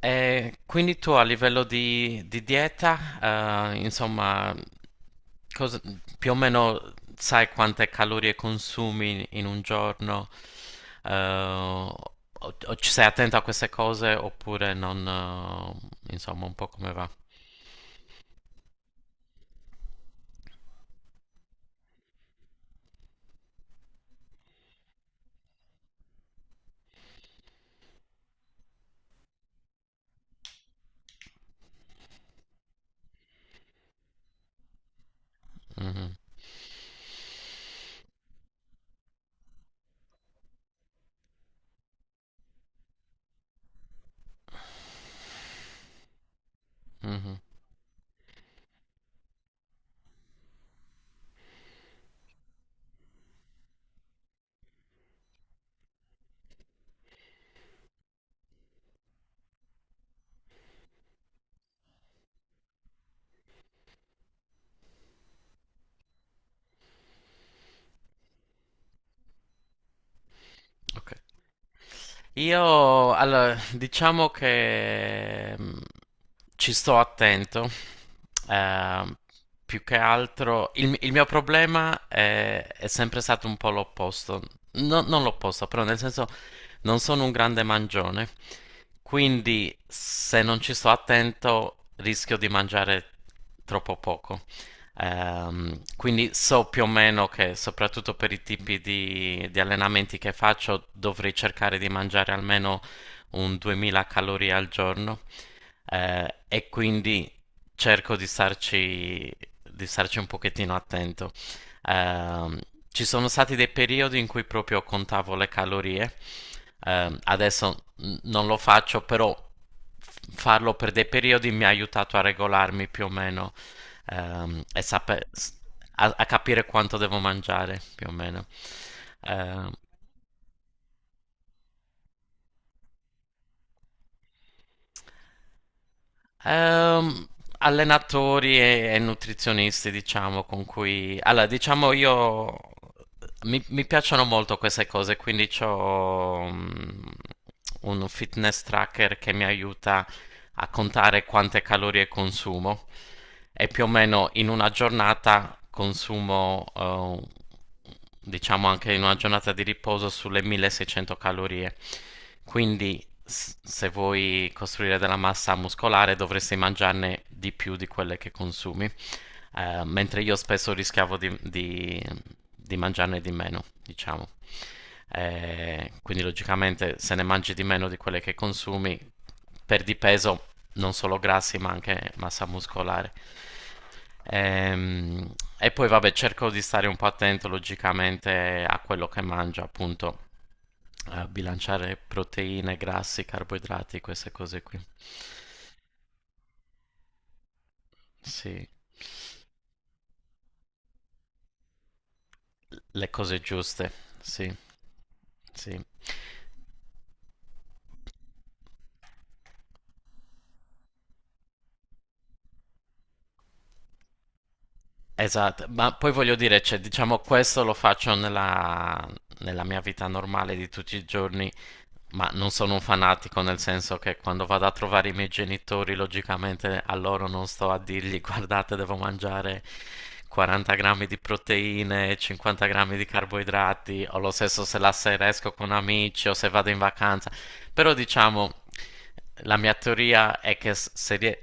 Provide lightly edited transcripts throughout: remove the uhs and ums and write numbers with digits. E quindi tu a livello di dieta, cosa- più o meno sai quante calorie consumi in un giorno? O ci sei attento a queste cose oppure non, insomma, un po' come va? Mhm, mhm, ok. Io, allora, diciamo che ci sto attento. Ehm, Più che altro il mio problema è sempre stato un po' l'opposto. Non l'opposto, però nel senso non sono un grande mangione, quindi se non ci sto attento rischio di mangiare troppo poco. Quindi so più o meno che soprattutto per i tipi di allenamenti che faccio dovrei cercare di mangiare almeno un 2000 calorie al giorno. E quindi cerco di starci un pochettino attento. Ehm, Ci sono stati dei periodi in cui proprio contavo le calorie. Adesso non lo faccio, però farlo per dei periodi mi ha aiutato a regolarmi più o meno, ehm, e sape- s- a, a capire quanto devo mangiare più o meno. Ehm, Ehm, Allenatori e nutrizionisti, diciamo, con cui... Allora, diciamo io... Mi piacciono molto queste cose, quindi ho un fitness tracker che mi aiuta a contare quante calorie consumo e più o meno in una giornata consumo diciamo anche in una giornata di riposo sulle 1600 calorie. Quindi se vuoi costruire della massa muscolare dovresti mangiarne di più di quelle che consumi. Mentre io spesso rischiavo di mangiarne di meno, diciamo. Quindi logicamente se ne mangi di meno di quelle che consumi, perdi peso non solo grassi ma anche massa muscolare. Ehm, e poi vabbè, cerco di stare un po' attento logicamente a quello che mangio, appunto, a bilanciare proteine, grassi, carboidrati, queste cose qui. Sì, le cose giuste, sì, sì. Esatto, ma poi voglio dire, cioè, diciamo, questo lo faccio nella, nella mia vita normale di tutti i giorni, ma non sono un fanatico, nel senso che quando vado a trovare i miei genitori, logicamente a loro non sto a dirgli, guardate, devo mangiare 40 grammi di proteine, 50 grammi di carboidrati, o lo stesso se la sera esco con amici o se vado in vacanza. Però diciamo, la mia teoria è che s- se... rie-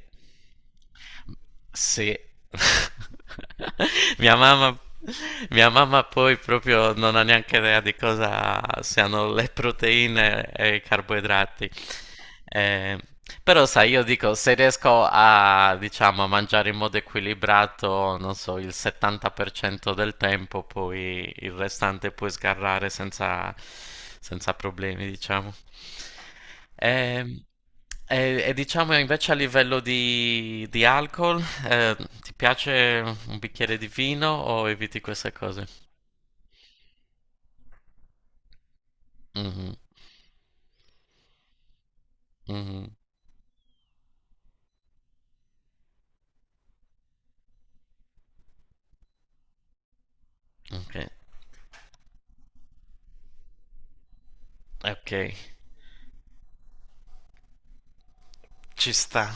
sì. Mia mamma mia mamma poi proprio non ha neanche idea di cosa siano le proteine e i carboidrati. Eh, però sai, io dico, se riesco a, diciamo, a mangiare in modo equilibrato, non so, il 70% del tempo, poi il restante puoi sgarrare senza, senza problemi, diciamo. E, e diciamo invece a livello di alcol, eh, ti piace un bicchiere di vino o eviti queste cose? Mhm, mhm, ok, ok, ci sta,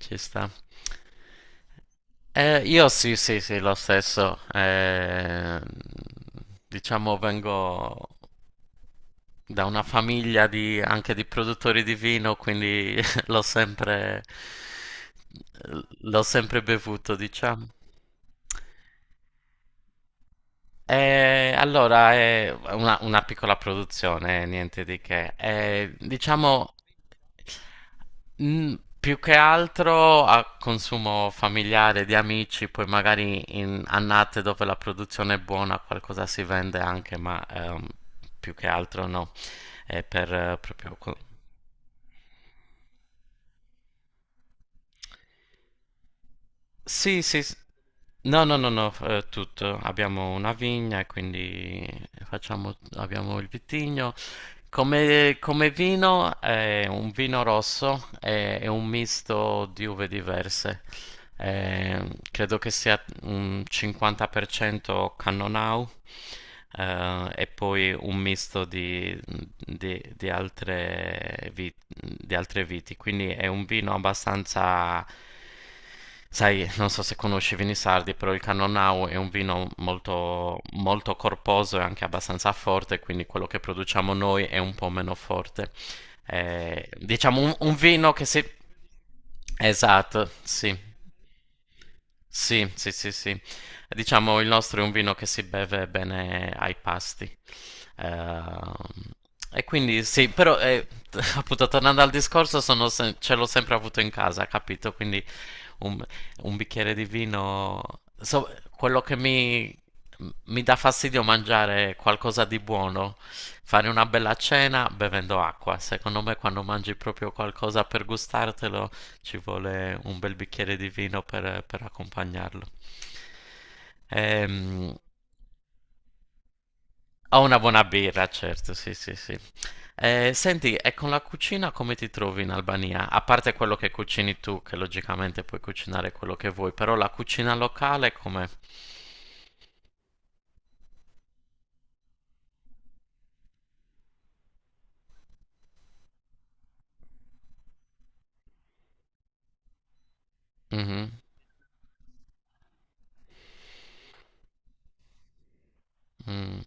ci sta. Io sì, sì, sì, lo stesso. Diciamo vengo da una famiglia di, anche di produttori di vino, quindi l'ho sempre, l'ho sempre bevuto, diciamo. Allora, è una piccola produzione, niente di che. Diciamo, mm, più che altro a consumo familiare di amici, poi magari in annate dove la produzione è buona qualcosa si vende anche, ma più che altro no, è per proprio... Sì, sì, no, no, no, no, tutto. Abbiamo una vigna, e quindi facciamo, abbiamo il vitigno. Come, come vino è un vino rosso, è un misto di uve diverse. Eh, credo che sia un 50% Cannonau, e poi un misto di altre di altre viti, quindi è un vino abbastanza... Sai, non so se conosci i vini sardi, però il Cannonau è un vino molto, molto corposo e anche abbastanza forte, quindi quello che produciamo noi è un po' meno forte. Diciamo un vino che si... Esatto, sì, sì, sì, sì, sì. Diciamo il nostro è un vino che si beve bene ai pasti. Ehm, e quindi sì, però appunto tornando al discorso, sono ce l'ho sempre avuto in casa, capito? Quindi un, un bicchiere di vino. Quello che mi dà fastidio è mangiare qualcosa di buono, fare una bella cena bevendo acqua. Secondo me, quando mangi proprio qualcosa per gustartelo, ci vuole un bel bicchiere di vino per accompagnarlo. Ehm, Ho una buona birra, certo, sì, sì, sì. Senti, e con la cucina come ti trovi in Albania? A parte quello che cucini tu, che logicamente puoi cucinare quello che vuoi, però la cucina locale come? Mhm, mm,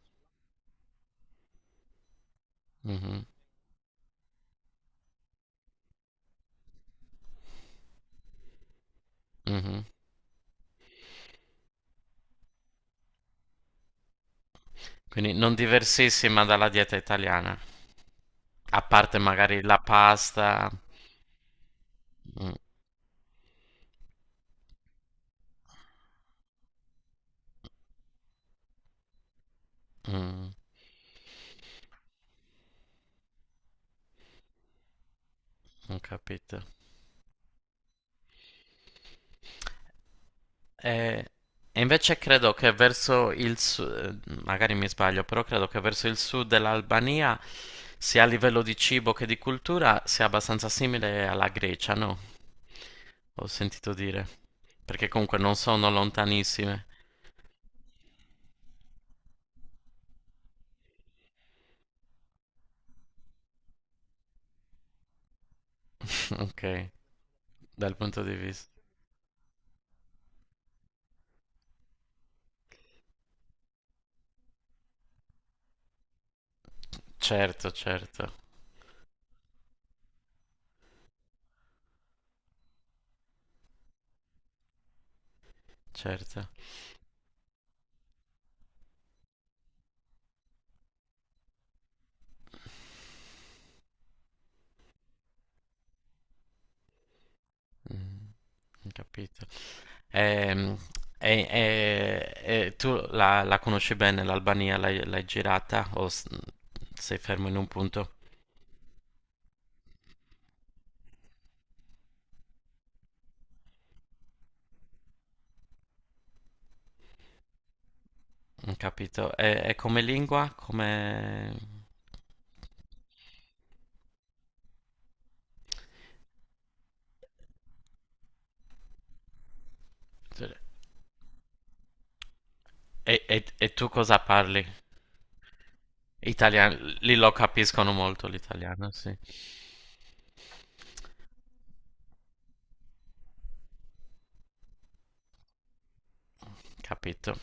mhm, mhm. Quindi non diversissima dalla dieta italiana, a parte magari la pasta. Mm, mm, ho capito. E, e invece credo che verso il sud, magari mi sbaglio, però credo che verso il sud dell'Albania, sia a livello di cibo che di cultura, sia abbastanza simile alla Grecia, no? Ho sentito dire. Perché comunque non sono lontanissime. Ok, dal punto di vista. Certo, certo, certo. Mm, ho capito. Ehm, E, e- e tu la, la conosci bene l'Albania? L'hai girata o sei fermo in un punto? Ho capito. E come lingua? Come... E tu cosa parli? Italiano? Lì lo capiscono molto l'italiano, sì. Capito.